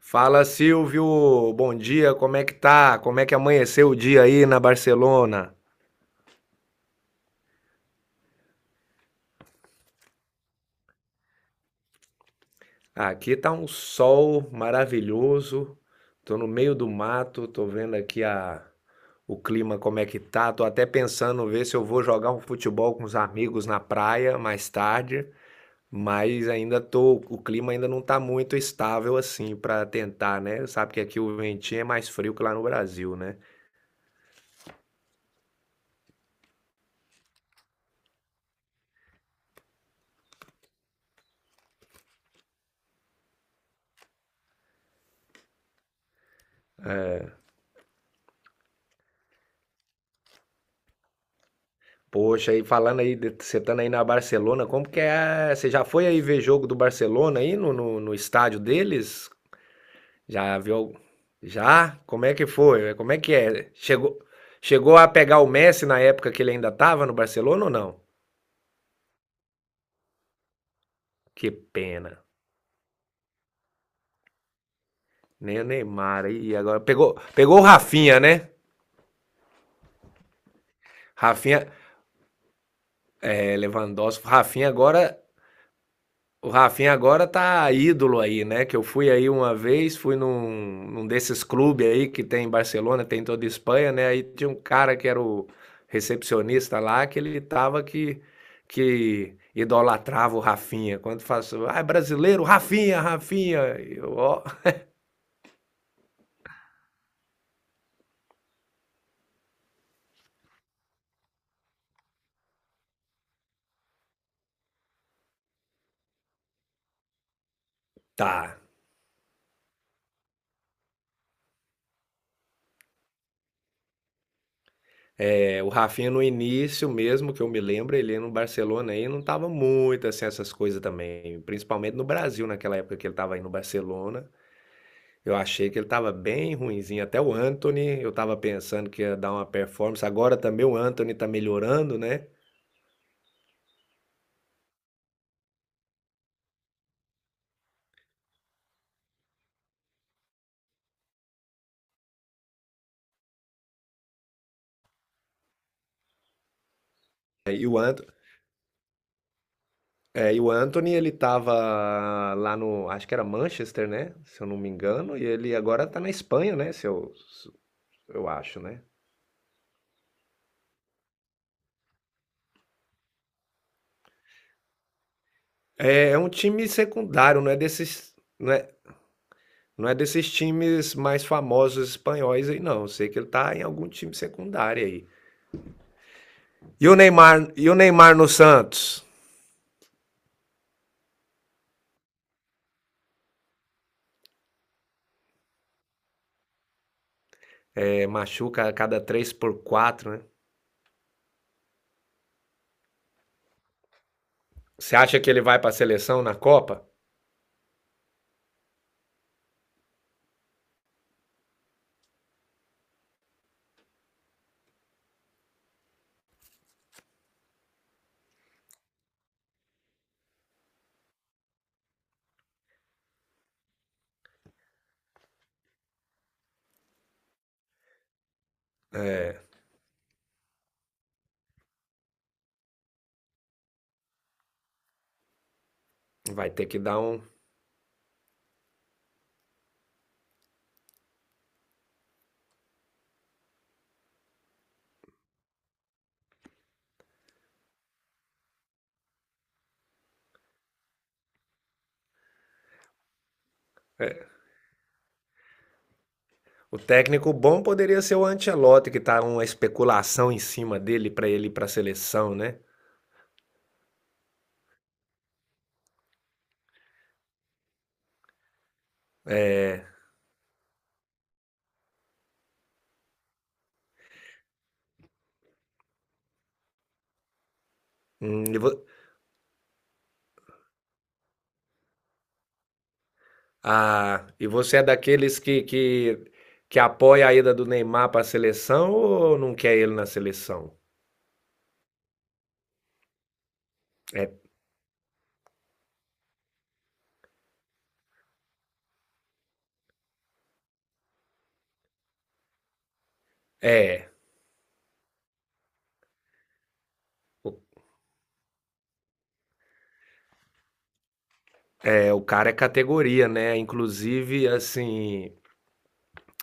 Fala, Silvio, bom dia, como é que tá? Como é que amanheceu o dia aí na Barcelona? Aqui tá um sol maravilhoso. Tô no meio do mato, tô vendo aqui a o clima como é que tá. Tô até pensando ver se eu vou jogar um futebol com os amigos na praia mais tarde, mas ainda tô, o clima ainda não tá muito estável assim pra tentar, né? Sabe que aqui o ventinho é mais frio que lá no Brasil, né? Poxa, e falando aí, você estando aí na Barcelona, como que é? Você já foi aí ver jogo do Barcelona aí no estádio deles? Já viu? Já? Como é que foi? Como é que é? Chegou a pegar o Messi na época que ele ainda tava no Barcelona ou não? Que pena. Nem o Neymar aí agora pegou o Rafinha, né? Rafinha, é, Lewandowski, Rafinha agora. O Rafinha agora tá ídolo aí, né? Que eu fui aí uma vez, fui num desses clubes aí que tem em Barcelona, tem em toda a Espanha, né? Aí tinha um cara que era o recepcionista lá, que ele tava que idolatrava o Rafinha. Quando faço, ah, é brasileiro, Rafinha, Rafinha. Eu, ó, tá. É, o Rafinha no início mesmo, que eu me lembro, ele no Barcelona aí não tava muito assim essas coisas também, principalmente no Brasil naquela época que ele tava aí no Barcelona. Eu achei que ele estava bem ruinzinho, até o Anthony. Eu estava pensando que ia dar uma performance, agora também o Anthony está melhorando, né? É, E o Anto, e o Antony, ele estava lá no, acho que era Manchester, né? Se eu não me engano, e ele agora está na Espanha, né? Eu acho, né? É, é um time secundário, não é desses times mais famosos espanhóis aí, não. Eu sei que ele está em algum time secundário aí. E o Neymar no Santos? É, machuca a cada 3 por 4, né? Você acha que ele vai para a seleção na Copa? É, vai ter que dar um. É, o técnico bom poderia ser o Ancelotti, que tá uma especulação em cima dele para ele ir para a seleção, né? É, hum, e, vo- e você é daqueles que apoia a ida do Neymar para a seleção ou não quer ele na seleção? É, é, o cara é categoria, né? Inclusive, assim,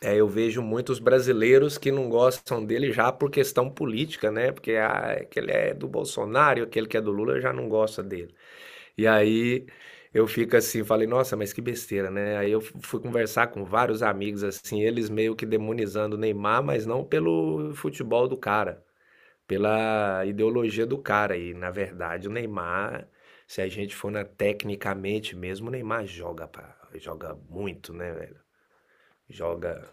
é, eu vejo muitos brasileiros que não gostam dele já por questão política, né? Porque ah, aquele é do Bolsonaro, aquele que é do Lula já não gosta dele. E aí eu fico assim, falei, nossa, mas que besteira, né? Aí eu fui conversar com vários amigos assim, eles meio que demonizando o Neymar, mas não pelo futebol do cara, pela ideologia do cara. E na verdade, o Neymar, se a gente for na tecnicamente mesmo, o Neymar joga, pá, joga muito, né, velho? Joga.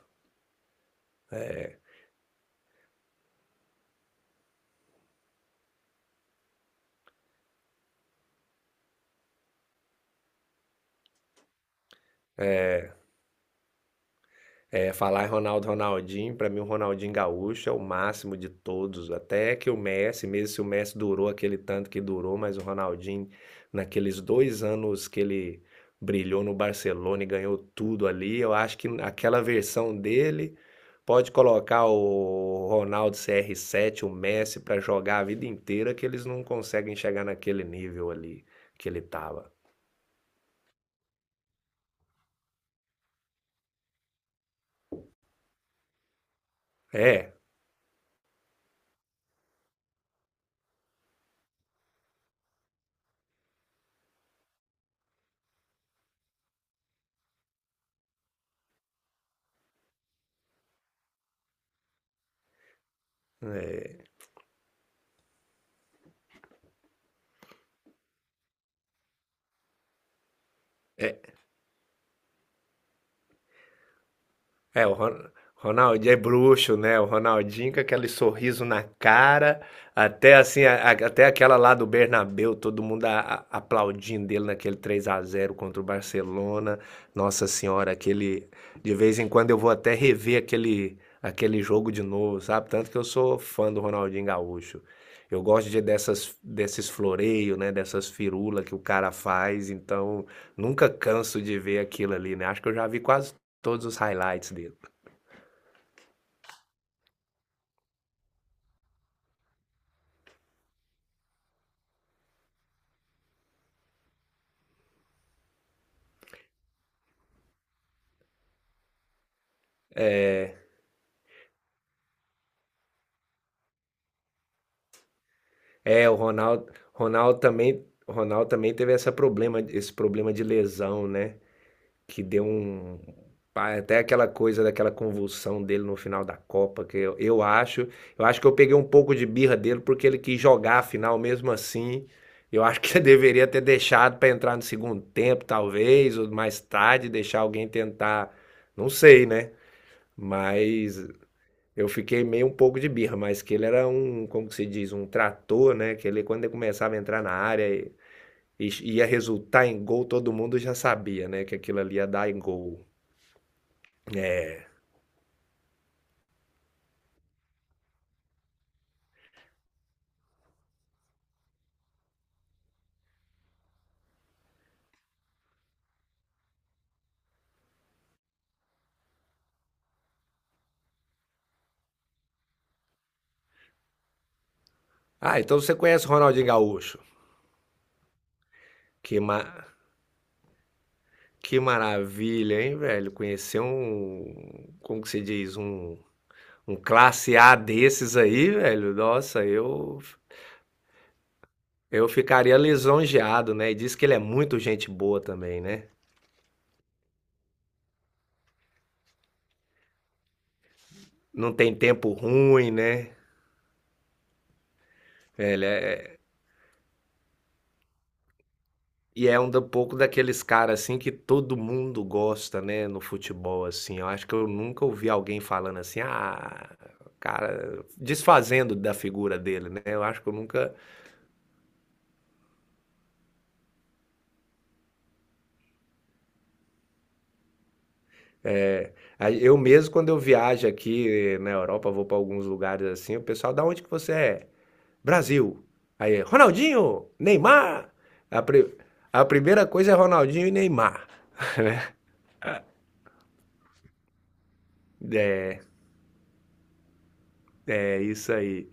É, falar em Ronaldo, Ronaldinho, pra mim o Ronaldinho Gaúcho é o máximo de todos, até que o Messi, mesmo se o Messi durou aquele tanto que durou, mas o Ronaldinho, naqueles dois anos que ele brilhou no Barcelona e ganhou tudo ali, eu acho que aquela versão dele pode colocar o Ronaldo CR7, o Messi, pra jogar a vida inteira, que eles não conseguem chegar naquele nível ali que ele tava. É, É, o Ron- Ronaldinho é bruxo, né? O Ronaldinho com aquele sorriso na cara, até assim, até aquela lá do Bernabéu, todo mundo aplaudindo ele naquele 3 a zero contra o Barcelona. Nossa Senhora, aquele de vez em quando eu vou até rever aquele jogo de novo, sabe? Tanto que eu sou fã do Ronaldinho Gaúcho. Eu gosto de dessas desses floreios, né, dessas firulas que o cara faz, então nunca canso de ver aquilo ali, né? Acho que eu já vi quase todos os highlights dele. É, o Ronaldo, Ronaldo também teve essa problema, esse problema de lesão, né? Que deu um até aquela coisa daquela convulsão dele no final da Copa, eu acho que eu peguei um pouco de birra dele porque ele quis jogar a final mesmo assim. Eu acho que ele deveria ter deixado para entrar no segundo tempo, talvez, ou mais tarde deixar alguém tentar, não sei, né? Mas eu fiquei meio um pouco de birra, mas que ele era um, como que se diz, um trator, né? Quando ele começava a entrar na área e ia resultar em gol, todo mundo já sabia, né? Que aquilo ali ia dar em gol. É. Ah, então você conhece o Ronaldinho Gaúcho? Que, ma... que maravilha, hein, velho? Conhecer um, como que se diz, um classe A desses aí, velho. Eu ficaria lisonjeado, né? E diz que ele é muito gente boa também, né? Não tem tempo ruim, né? É, ele é... E é um pouco daqueles caras assim que todo mundo gosta, né, no futebol assim. Eu acho que eu nunca ouvi alguém falando assim, ah, cara, desfazendo da figura dele, né? Eu acho que eu nunca. Aí, eu mesmo, quando eu viajo aqui na Europa, vou para alguns lugares assim, o pessoal, da onde que você é? Brasil. Aí, Ronaldinho, Neymar. A, pri- a primeira coisa é Ronaldinho e Neymar. É isso aí.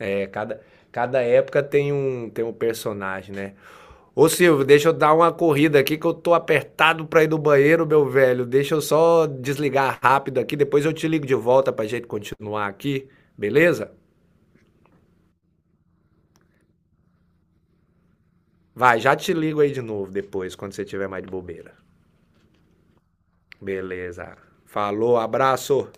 É, cada, cada época tem tem um personagem, né? Ô Silvio, deixa eu dar uma corrida aqui que eu tô apertado pra ir no banheiro, meu velho. Deixa eu só desligar rápido aqui, depois eu te ligo de volta pra gente continuar aqui, beleza? Vai, já te ligo aí de novo depois, quando você tiver mais de bobeira. Beleza. Falou, abraço.